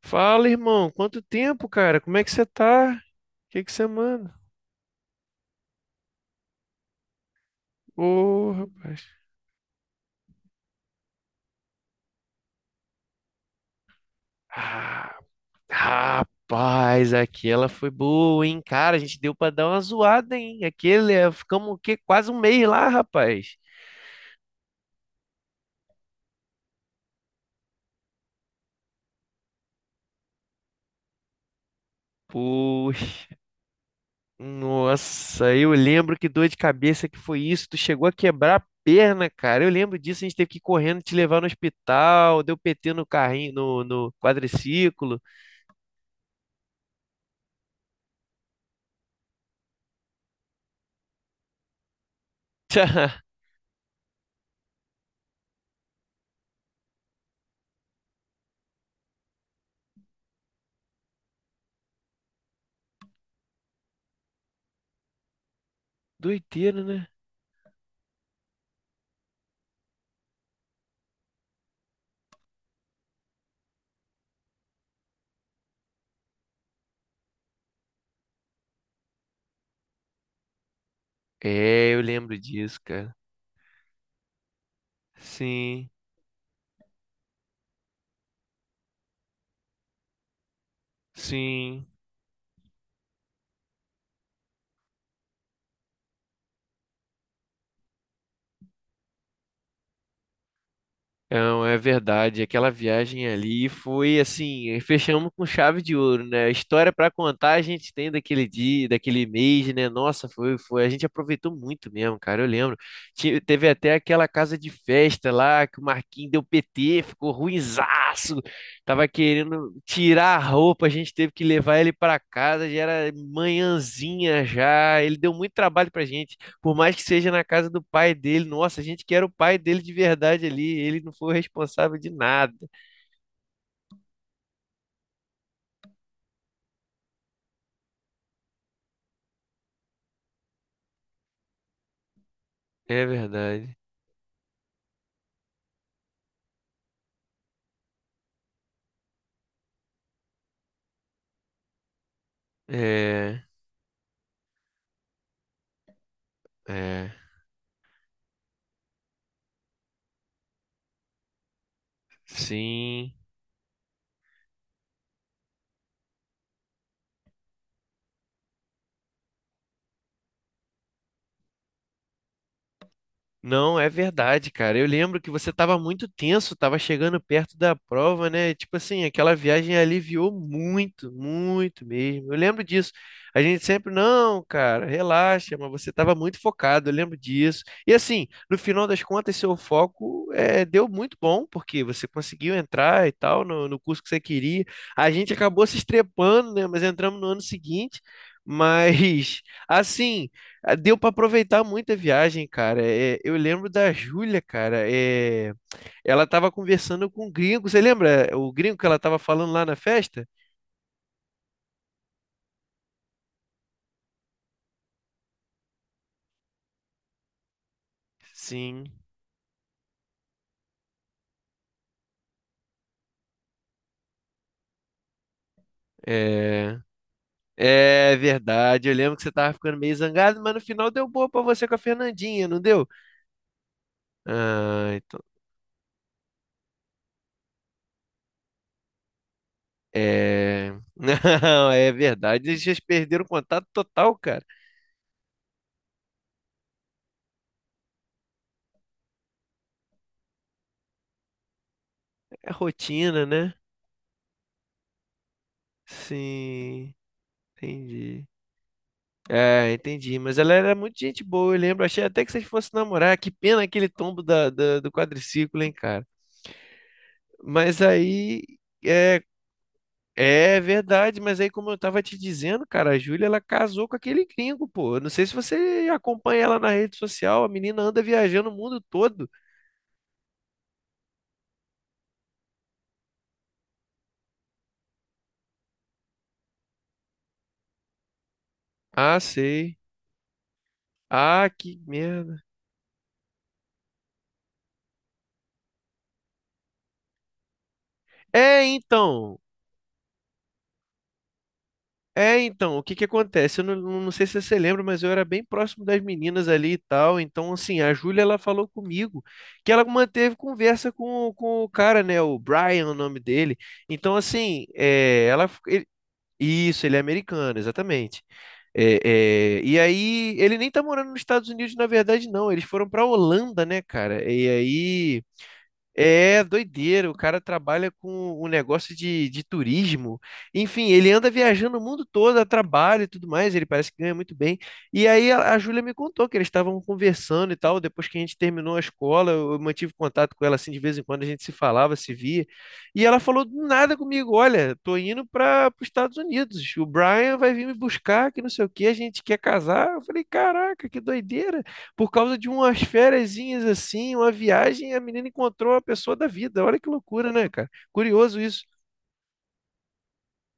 Fala, irmão. Quanto tempo, cara? Como é que você tá? O que que você manda? Ô, rapaz. Ah, rapaz, aqui ela foi boa, hein? Cara, a gente deu pra dar uma zoada, hein? Aquele, ficamos o quê? Quase um mês lá, rapaz. Puxa, nossa, eu lembro que dor de cabeça que foi isso. Tu chegou a quebrar a perna, cara. Eu lembro disso, a gente teve que ir correndo te levar no hospital, deu PT no carrinho, no quadriciclo. Tchá, doideira, né? É, eu lembro disso, cara. Sim, sim. Não, é verdade. Aquela viagem ali foi assim, fechamos com chave de ouro, né? A história para contar a gente tem daquele dia, daquele mês, né? Nossa, foi, a gente aproveitou muito mesmo, cara. Eu lembro. Teve até aquela casa de festa lá que o Marquinhos deu PT, ficou ruinzaço. Tava querendo tirar a roupa, a gente teve que levar ele para casa, já era manhãzinha já. Ele deu muito trabalho pra gente. Por mais que seja na casa do pai dele, nossa, a gente quer o pai dele de verdade ali. Ele não foi o responsável de nada. É verdade. É, é, sim. Não, é verdade, cara. Eu lembro que você estava muito tenso, estava chegando perto da prova, né? Tipo assim, aquela viagem aliviou muito, muito mesmo. Eu lembro disso. A gente sempre, não, cara, relaxa, mas você estava muito focado, eu lembro disso. E assim, no final das contas, seu foco deu muito bom, porque você conseguiu entrar e tal no curso que você queria. A gente acabou se estrepando, né? Mas entramos no ano seguinte. Mas, assim. Ah, deu para aproveitar muito a viagem, cara. É, eu lembro da Júlia, cara. É, ela tava conversando com o gringo. Você lembra o gringo que ela tava falando lá na festa? Sim, é. É verdade. Eu lembro que você tava ficando meio zangado, mas no final deu boa pra você com a Fernandinha, não deu? Ah, então. É. Não, é verdade. Eles já perderam o contato total, cara. É rotina, né? Sim, entendi. É, entendi. Mas ela era muito gente boa, eu lembro. Achei até que vocês fossem namorar. Que pena aquele tombo do quadriciclo, hein, cara. Mas aí. É, é verdade, mas aí, como eu tava te dizendo, cara, a Júlia, ela casou com aquele gringo, pô. Eu não sei se você acompanha ela na rede social. A menina anda viajando o mundo todo. Ah, sei. Ah, que merda. É, então. É, então, o que que acontece? Eu não, não sei se você lembra, mas eu era bem próximo das meninas ali e tal. Então, assim, a Júlia, ela falou comigo que ela manteve conversa com o cara, né? O Brian, o nome dele. Então, assim, é, isso, ele é americano, exatamente. É, e aí, ele nem tá morando nos Estados Unidos, na verdade, não. Eles foram pra Holanda, né, cara? E aí. É doideira, o cara trabalha com um negócio de turismo. Enfim, ele anda viajando o mundo todo, a trabalho e tudo mais, ele parece que ganha muito bem. E aí a Júlia me contou que eles estavam conversando e tal, depois que a gente terminou a escola, eu mantive contato com ela assim de vez em quando, a gente se falava, se via. E ela falou do nada comigo, olha, tô indo para os Estados Unidos, o Brian vai vir me buscar, que não sei o que, a gente quer casar. Eu falei, caraca, que doideira por causa de umas fériasinhas assim, uma viagem, a menina encontrou a pessoa da vida. Olha que loucura, né, cara? Curioso isso.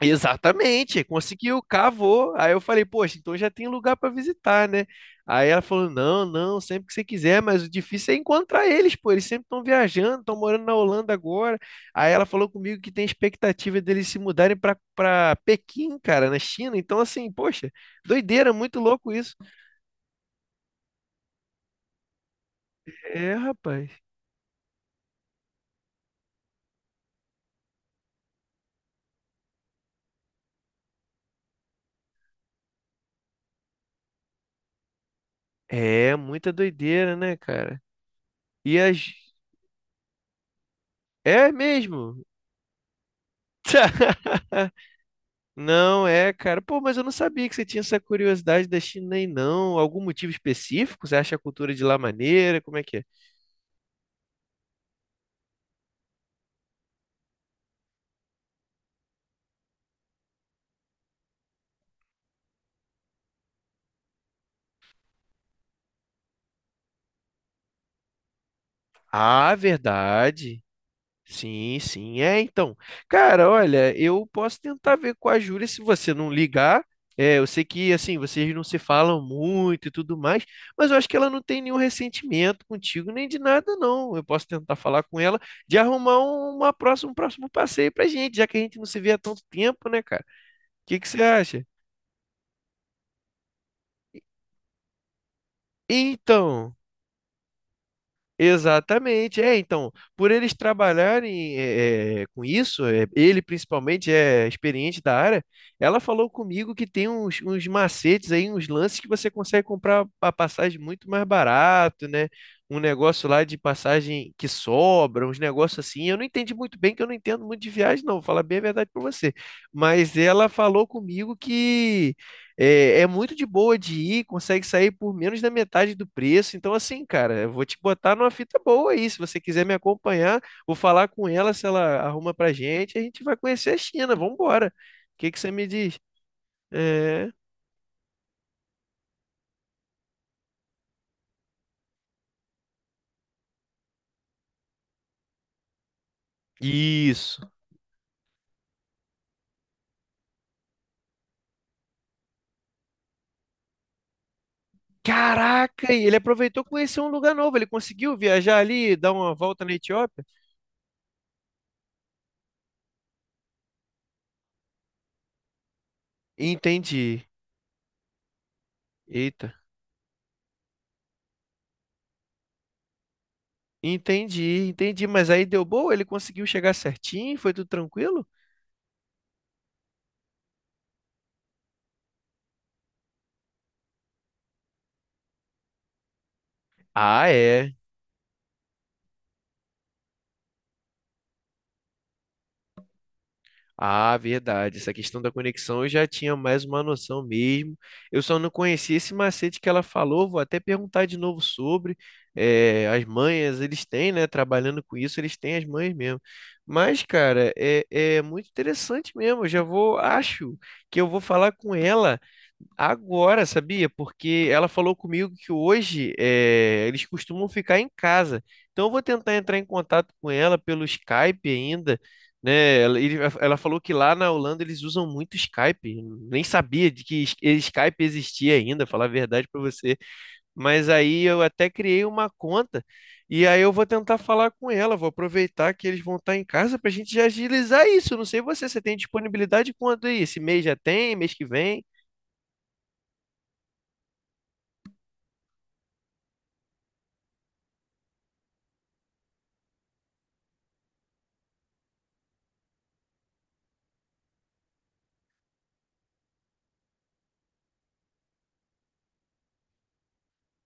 Exatamente, conseguiu, cavou. Aí eu falei, poxa, então já tem lugar para visitar, né? Aí ela falou: não, não, sempre que você quiser, mas o difícil é encontrar eles, pô. Eles sempre estão viajando, estão morando na Holanda agora. Aí ela falou comigo que tem expectativa deles se mudarem para Pequim, cara, na China. Então, assim, poxa, doideira, muito louco isso. É, rapaz. É, muita doideira, né, cara? E as. É mesmo? Não é, cara. Pô, mas eu não sabia que você tinha essa curiosidade da China aí, não. Algum motivo específico? Você acha a cultura de lá maneira? Como é que é? Ah, verdade. Sim, sim. É, então. Cara, olha, eu posso tentar ver com a Júlia se você não ligar. É, eu sei que, assim, vocês não se falam muito e tudo mais, mas eu acho que ela não tem nenhum ressentimento contigo, nem de nada, não. Eu posso tentar falar com ela de arrumar uma próxima, um próximo passeio pra gente, já que a gente não se vê há tanto tempo, né, cara? O que que você acha? Então. Exatamente, é, então, por eles trabalharem com isso, ele principalmente é experiente da área, ela falou comigo que tem uns, uns macetes aí, uns lances que você consegue comprar a passagem muito mais barato, né? Um negócio lá de passagem que sobra, uns negócios assim, eu não entendi muito bem, que eu não entendo muito de viagem não, vou falar bem a verdade para você, mas ela falou comigo que é muito de boa de ir, consegue sair por menos da metade do preço. Então, assim, cara, eu vou te botar numa fita boa aí. Se você quiser me acompanhar, vou falar com ela, se ela arruma pra gente, a gente vai conhecer a China. Vambora. O que que você me diz? É, isso. Caraca, e ele aproveitou e conheceu um lugar novo. Ele conseguiu viajar ali, dar uma volta na Etiópia? Entendi. Eita. Entendi, entendi. Mas aí deu boa? Ele conseguiu chegar certinho? Foi tudo tranquilo? Ah, é. Ah, verdade. Essa questão da conexão eu já tinha mais uma noção mesmo. Eu só não conhecia esse macete que ela falou. Vou até perguntar de novo sobre. As manhas, eles têm, né? Trabalhando com isso, eles têm as manhas mesmo. Mas, cara, é muito interessante mesmo. Eu já vou, acho que eu vou falar com ela. Agora, sabia? Porque ela falou comigo que hoje eles costumam ficar em casa. Então, eu vou tentar entrar em contato com ela pelo Skype ainda, né? Ela falou que lá na Holanda eles usam muito Skype. Nem sabia de que Skype existia ainda, falar a verdade para você. Mas aí eu até criei uma conta e aí eu vou tentar falar com ela. Vou aproveitar que eles vão estar em casa para a gente já agilizar isso. Não sei você, você tem disponibilidade quando aí? Esse mês já tem? Mês que vem?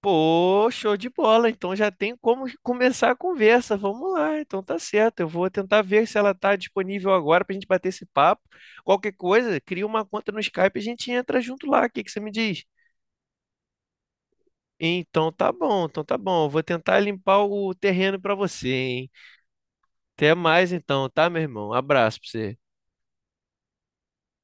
Pô, show de bola. Então já tem como começar a conversa. Vamos lá. Então tá certo. Eu vou tentar ver se ela tá disponível agora pra gente bater esse papo. Qualquer coisa, cria uma conta no Skype e a gente entra junto lá. O que que você me diz? Então tá bom, então tá bom. Eu vou tentar limpar o terreno pra você, hein? Até mais então, tá, meu irmão? Abraço pra você.